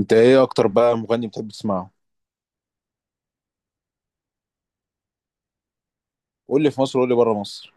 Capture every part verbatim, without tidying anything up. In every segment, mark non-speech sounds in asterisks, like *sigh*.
انت ايه اكتر بقى مغني بتحب تسمعه؟ قول لي في مصر، قول لي بره مصر.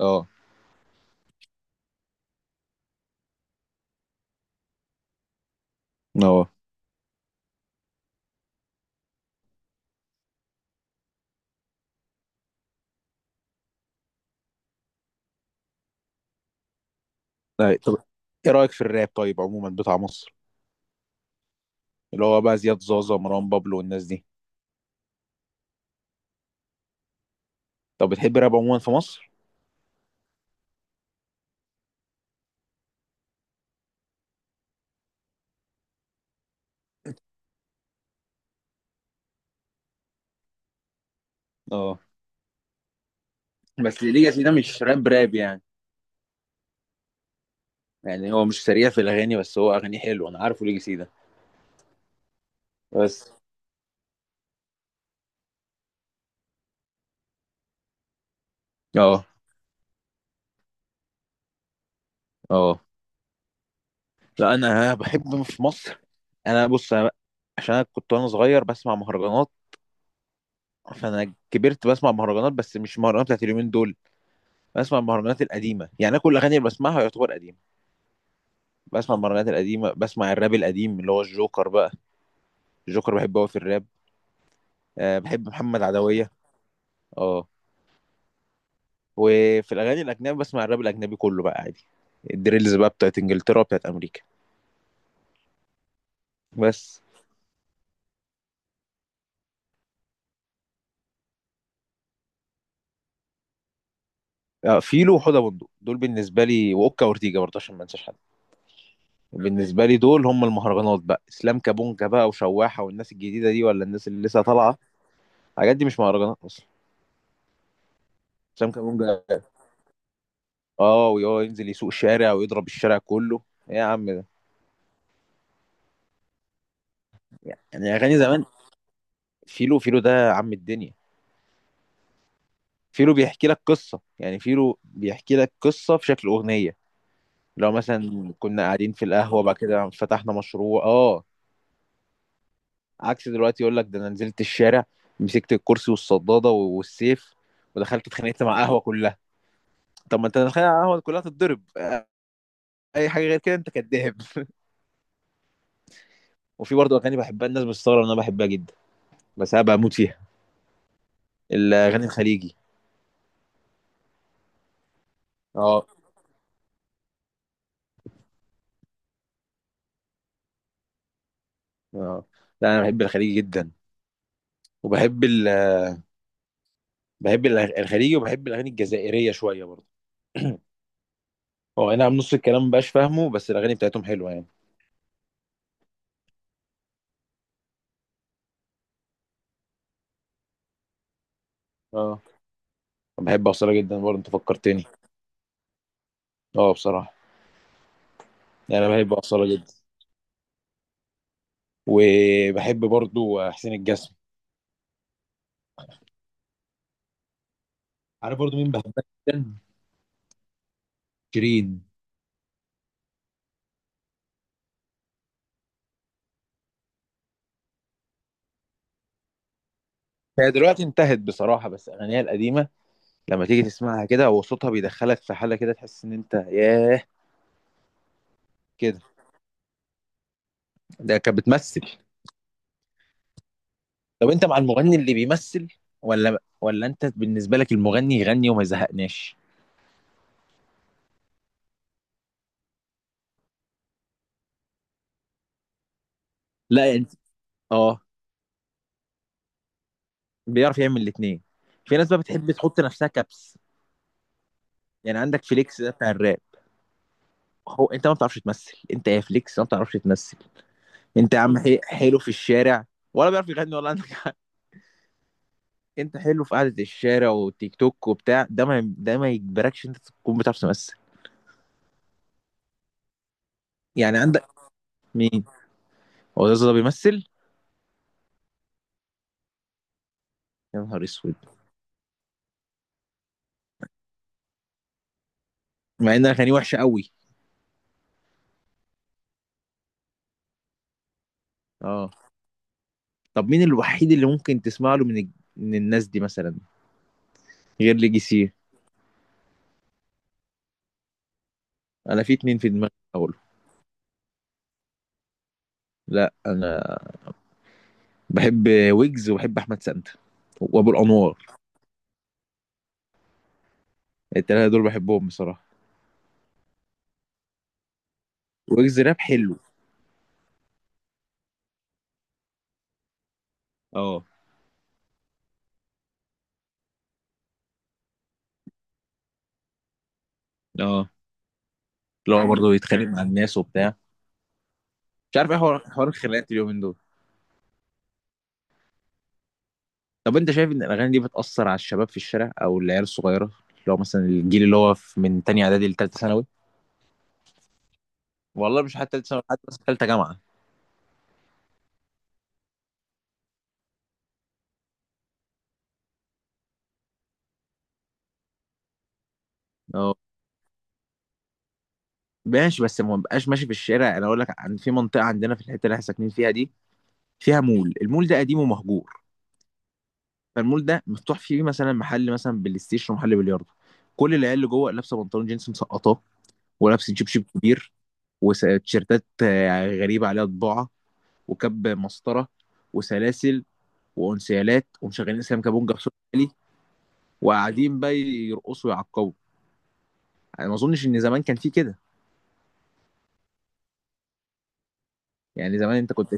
اه. اه. طيب طب ايه رايك في الراب طيب عموما بتاع مصر؟ اللي هو بقى زياد زازا، مروان بابلو والناس دي. طب بتحب الراب عموما في مصر؟ اه. بس ليجاسي ده مش راب راب يعني. يعني هو مش سريع في الاغاني، بس هو اغاني حلوه. انا عارفه ليجاسي ده. بس. اه. اه. لا انا بحب في مصر. انا بص، أنا عشان انا كنت وانا صغير بسمع مهرجانات. فانا كبرت بسمع مهرجانات، بس مش مهرجانات بتاعت اليومين دول. بسمع المهرجانات القديمة. يعني انا كل الاغاني اللي بسمعها يعتبر قديمة. بسمع المهرجانات القديمة، بسمع الراب القديم اللي هو الجوكر بقى. الجوكر بحبه قوي في الراب. أه بحب محمد عدوية. اه. وفي الاغاني الاجنبي بسمع الراب الاجنبي كله بقى عادي. الدريلز بقى، بتاعت انجلترا بتاعت امريكا. بس آه فيلو وحوده بندق دول بالنسبة لي، واوكا اورتيجا برضه عشان ما انساش حد. بالنسبة لي دول هم المهرجانات بقى. اسلام كابونجا بقى وشواحة والناس الجديدة دي، ولا الناس اللي لسه طالعة. الحاجات دي مش مهرجانات اصلا. اسلام كابونجا. اه ويقعد ينزل يسوق الشارع ويضرب الشارع كله. ايه يا عم ده. يعني اغاني زمان. فيلو فيلو ده عم الدنيا. فيلو بيحكي لك قصه. يعني فيلو بيحكي لك قصه في شكل اغنيه. لو مثلا كنا قاعدين في القهوه، بعد كده فتحنا مشروع اه، عكس دلوقتي يقول لك ده: انا نزلت الشارع، مسكت الكرسي والصداده والسيف، ودخلت اتخانقت مع قهوه كلها. طب ما انت دخلت على القهوه كلها تتضرب اي حاجه غير كده انت كداب. *laughs* وفي برضه اغاني بحبها الناس بتستغرب ان انا بحبها جدا، بس انا بموت فيها. الاغاني الخليجي. اه. اه. لا انا بحب الخليجي جدا. وبحب ال... بحب الأغ- الخليجي، وبحب الاغاني الجزائريه شويه برضه. هو اي نعم نص الكلام مبقاش فاهمه، بس الاغاني بتاعتهم حلوه يعني. اه بحب اصاله جدا برضه، انت فكرتني. اه بصراحه. يعني انا بحب اصاله جدا. وبحب برضه حسين الجسمي. عارف برضه مين بحبها جدا؟ شيرين. هي دلوقتي انتهت بصراحه، بس اغانيها القديمه لما تيجي تسمعها كده، هو صوتها بيدخلك في حاله كده، تحس ان انت ياه كده. ده كانت بتمثل. طب انت مع المغني اللي بيمثل ولا ولا انت بالنسبه لك المغني يغني وما يزهقناش؟ لا انت، اه، بيعرف يعمل الاثنين. في ناس بقى بتحب تحط نفسها كبس، يعني عندك فليكس ده بتاع الراب. هو انت ما بتعرفش تمثل. انت يا فليكس ما بتعرفش تمثل. انت يا عم حي- حلو في الشارع، ولا بيعرف يغني ولا. عندك حق. انت حلو في قعده الشارع والتيك توك وبتاع، ده ما ده ما يجبركش انت تكون بتعرف تمثل. يعني عندك مين؟ هو ده ده بيمثل؟ يا نهار اسود، مع ان اغانيه وحشه قوي. اه. طب مين الوحيد اللي ممكن تسمع له من الج- من الناس دي مثلا غير ليجيسي؟ انا في اتنين في دماغي اقوله. لا انا بحب ويجز، وبحب احمد سانتا وابو الانوار. التلاته دول بحبهم بصراحه. ويجز راب حلو. اه. اه. اللي هو برضه يتخانق مع الناس وبتاع. مش عارف ايه، حوار حوار الخناقات اليومين دول. طب انت شايف ان الاغاني دي بتاثر على الشباب في الشارع او العيال الصغيره، اللي هو مثلا الجيل اللي هو في- من تانية اعدادي لتالتة ثانوي؟ والله مش حتى تالتة ثانوي، حتى مثلا تالتة جامعه. اه ماشي بس ما بقاش ماشي في الشارع. انا اقول لك عن في منطقه عندنا في الحته اللي احنا ساكنين فيها دي، فيها مول، المول ده قديم ومهجور. فالمول ده مفتوح فيه مثلا محل، مثلا بلاي ستيشن ومحل بلياردو. كل العيال اللي جوه لابسه بنطلون جينز مسقطاه، ولابسه جيب شيب كبير، وتيشيرتات آه، غريبه عليها طباعه، وكاب مسطره، وسلاسل، وانسيالات، ومشغلين اسلام كابونجا بصوت عالي. وقاعدين بقى يرقصوا ويعقبوا. انا ما اظنش ان زمان كان في كده. يعني زمان انت كنت،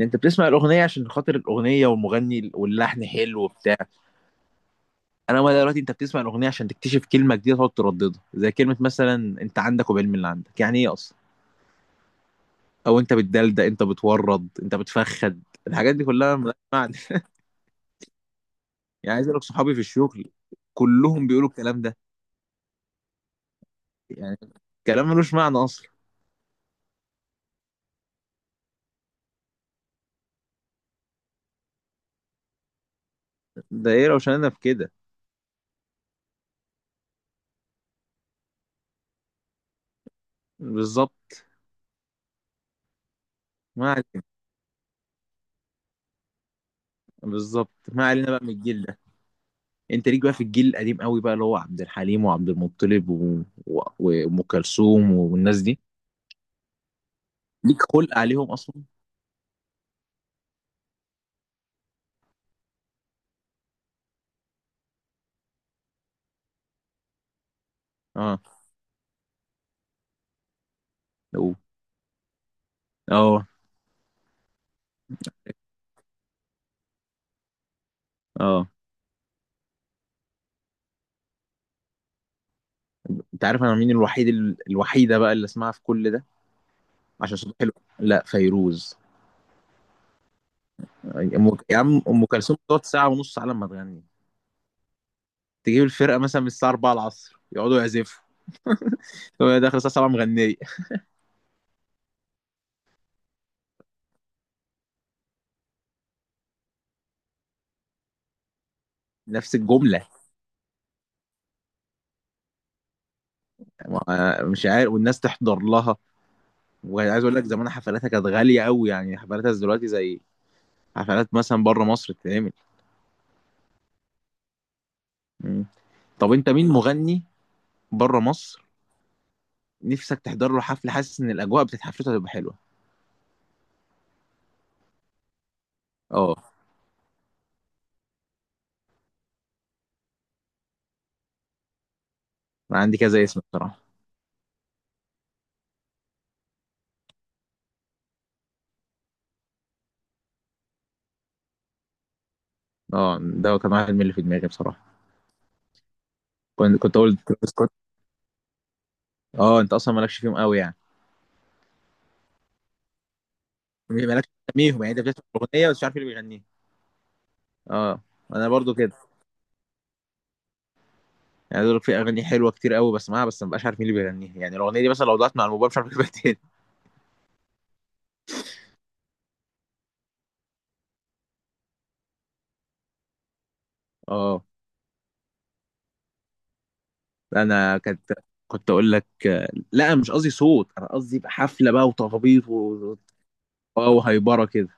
انت بتسمع الاغنيه عشان خاطر الاغنيه والمغني واللحن حلو وبتاع. انا ما دلوقتي انت بتسمع الاغنيه عشان تكتشف كلمه جديده تقعد ترددها، زي كلمه مثلا، انت عندك، وبالعلم، اللي عندك يعني ايه اصلا؟ او انت بتدلدق، انت بتورد، انت بتفخد. الحاجات دي كلها ملهاش معنى. *laughs* يعني عايز اقول لك صحابي في الشغل كلهم بيقولوا الكلام ده. يعني كلام ملوش معنى اصلا. ده ايه روشاننا في كده. بالظبط. ما علينا. بالظبط ما علينا بقى من الجيل ده. انت ليك بقى في الجيل القديم قوي بقى، اللي هو عبد الحليم وعبد المطلب و- و- وام كلثوم والناس دي. ليك خلق عليهم اصلا. اه. لو. اه. اه. انت عارف انا مين الوحيد ال- الوحيده بقى اللي اسمعها في كل ده؟ عشان صوتها حلو. لا، فيروز. أم- يا عم، ام كلثوم بتقعد ساعه ونص على ما تغني. تجيب الفرقه مثلا من الساعه أربعة العصر يقعدوا يعزفوا، هو داخل الساعه سبعة مغنيه. نفس الجمله. ما- مش عارف، والناس تحضر لها. وعايز اقول لك زمان حفلاتها كانت غاليه قوي. يعني حفلاتها دلوقتي زي حفلات مثلا بره مصر بتتعمل. مم. طب انت مين مغني بره مصر نفسك تحضر له حفله، حاسس ان الاجواء بتاعت حفلته هتبقى حلوه؟ اه انا عندي كذا اسم بصراحه. اه ده كان واحد من اللي في دماغي بصراحه. كنت كنت اقول ترافيس سكوت. اه انت اصلا مالكش فيهم قوي يعني. مالكش فيهم يعني، انت بتسمع الاغنيه بس مش عارف مين اللي بيغنيها. اه انا برضو كده. يعني دول في اغاني حلوه كتير قوي بسمعها، بس ما بقاش عارف مين اللي بيغنيها. يعني الاغنيه دي مثلا لو ضاعت مع الموبايل مش عارف اجيبها تاني. اه. انا كنت كنت اقول لك، آه، لا مش قصدي صوت، انا قصدي يبقى حفله بقى، وتخبيط و... اه وهيبره كده.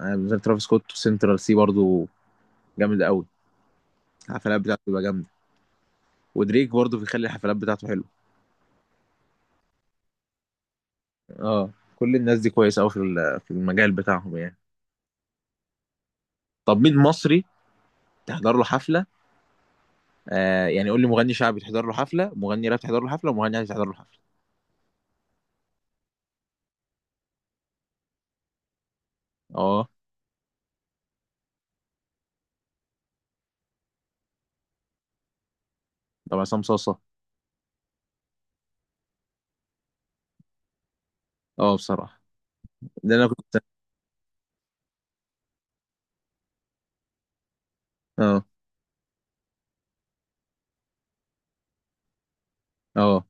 انا بالنسبه لي ترافيس سكوت وسنترال سي برضو جامد قوي. الحفلات بتاعته بتبقى جامده. ودريك برضو بيخلي الحفلات بتاعته حلوه. اه. كل الناس دي كويسه قوي في ال- في المجال بتاعهم يعني. طب مين مصري تحضر له حفله؟ آه يعني قول لي مغني شعبي تحضر له حفله، مغني راب تحضر له حفله، ومغني عادي تحضر له حفله. اه. طب عصام صاصه. اه بصراحه. ده انا كنت. اه. اه.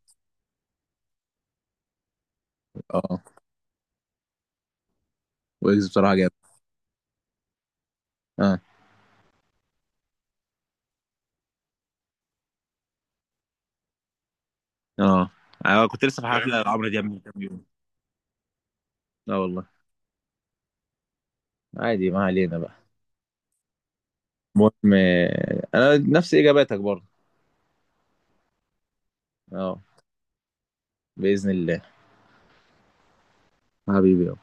اه ويجز بصراحه جامد. اه. اه انا كنت لسه في فاهم حفله فاهم؟ لعمرو دياب من كام يوم. اه والله. عادي ما علينا بقى. المهم آه، انا نفس اجاباتك برضه. اه باذن الله. حبيبي.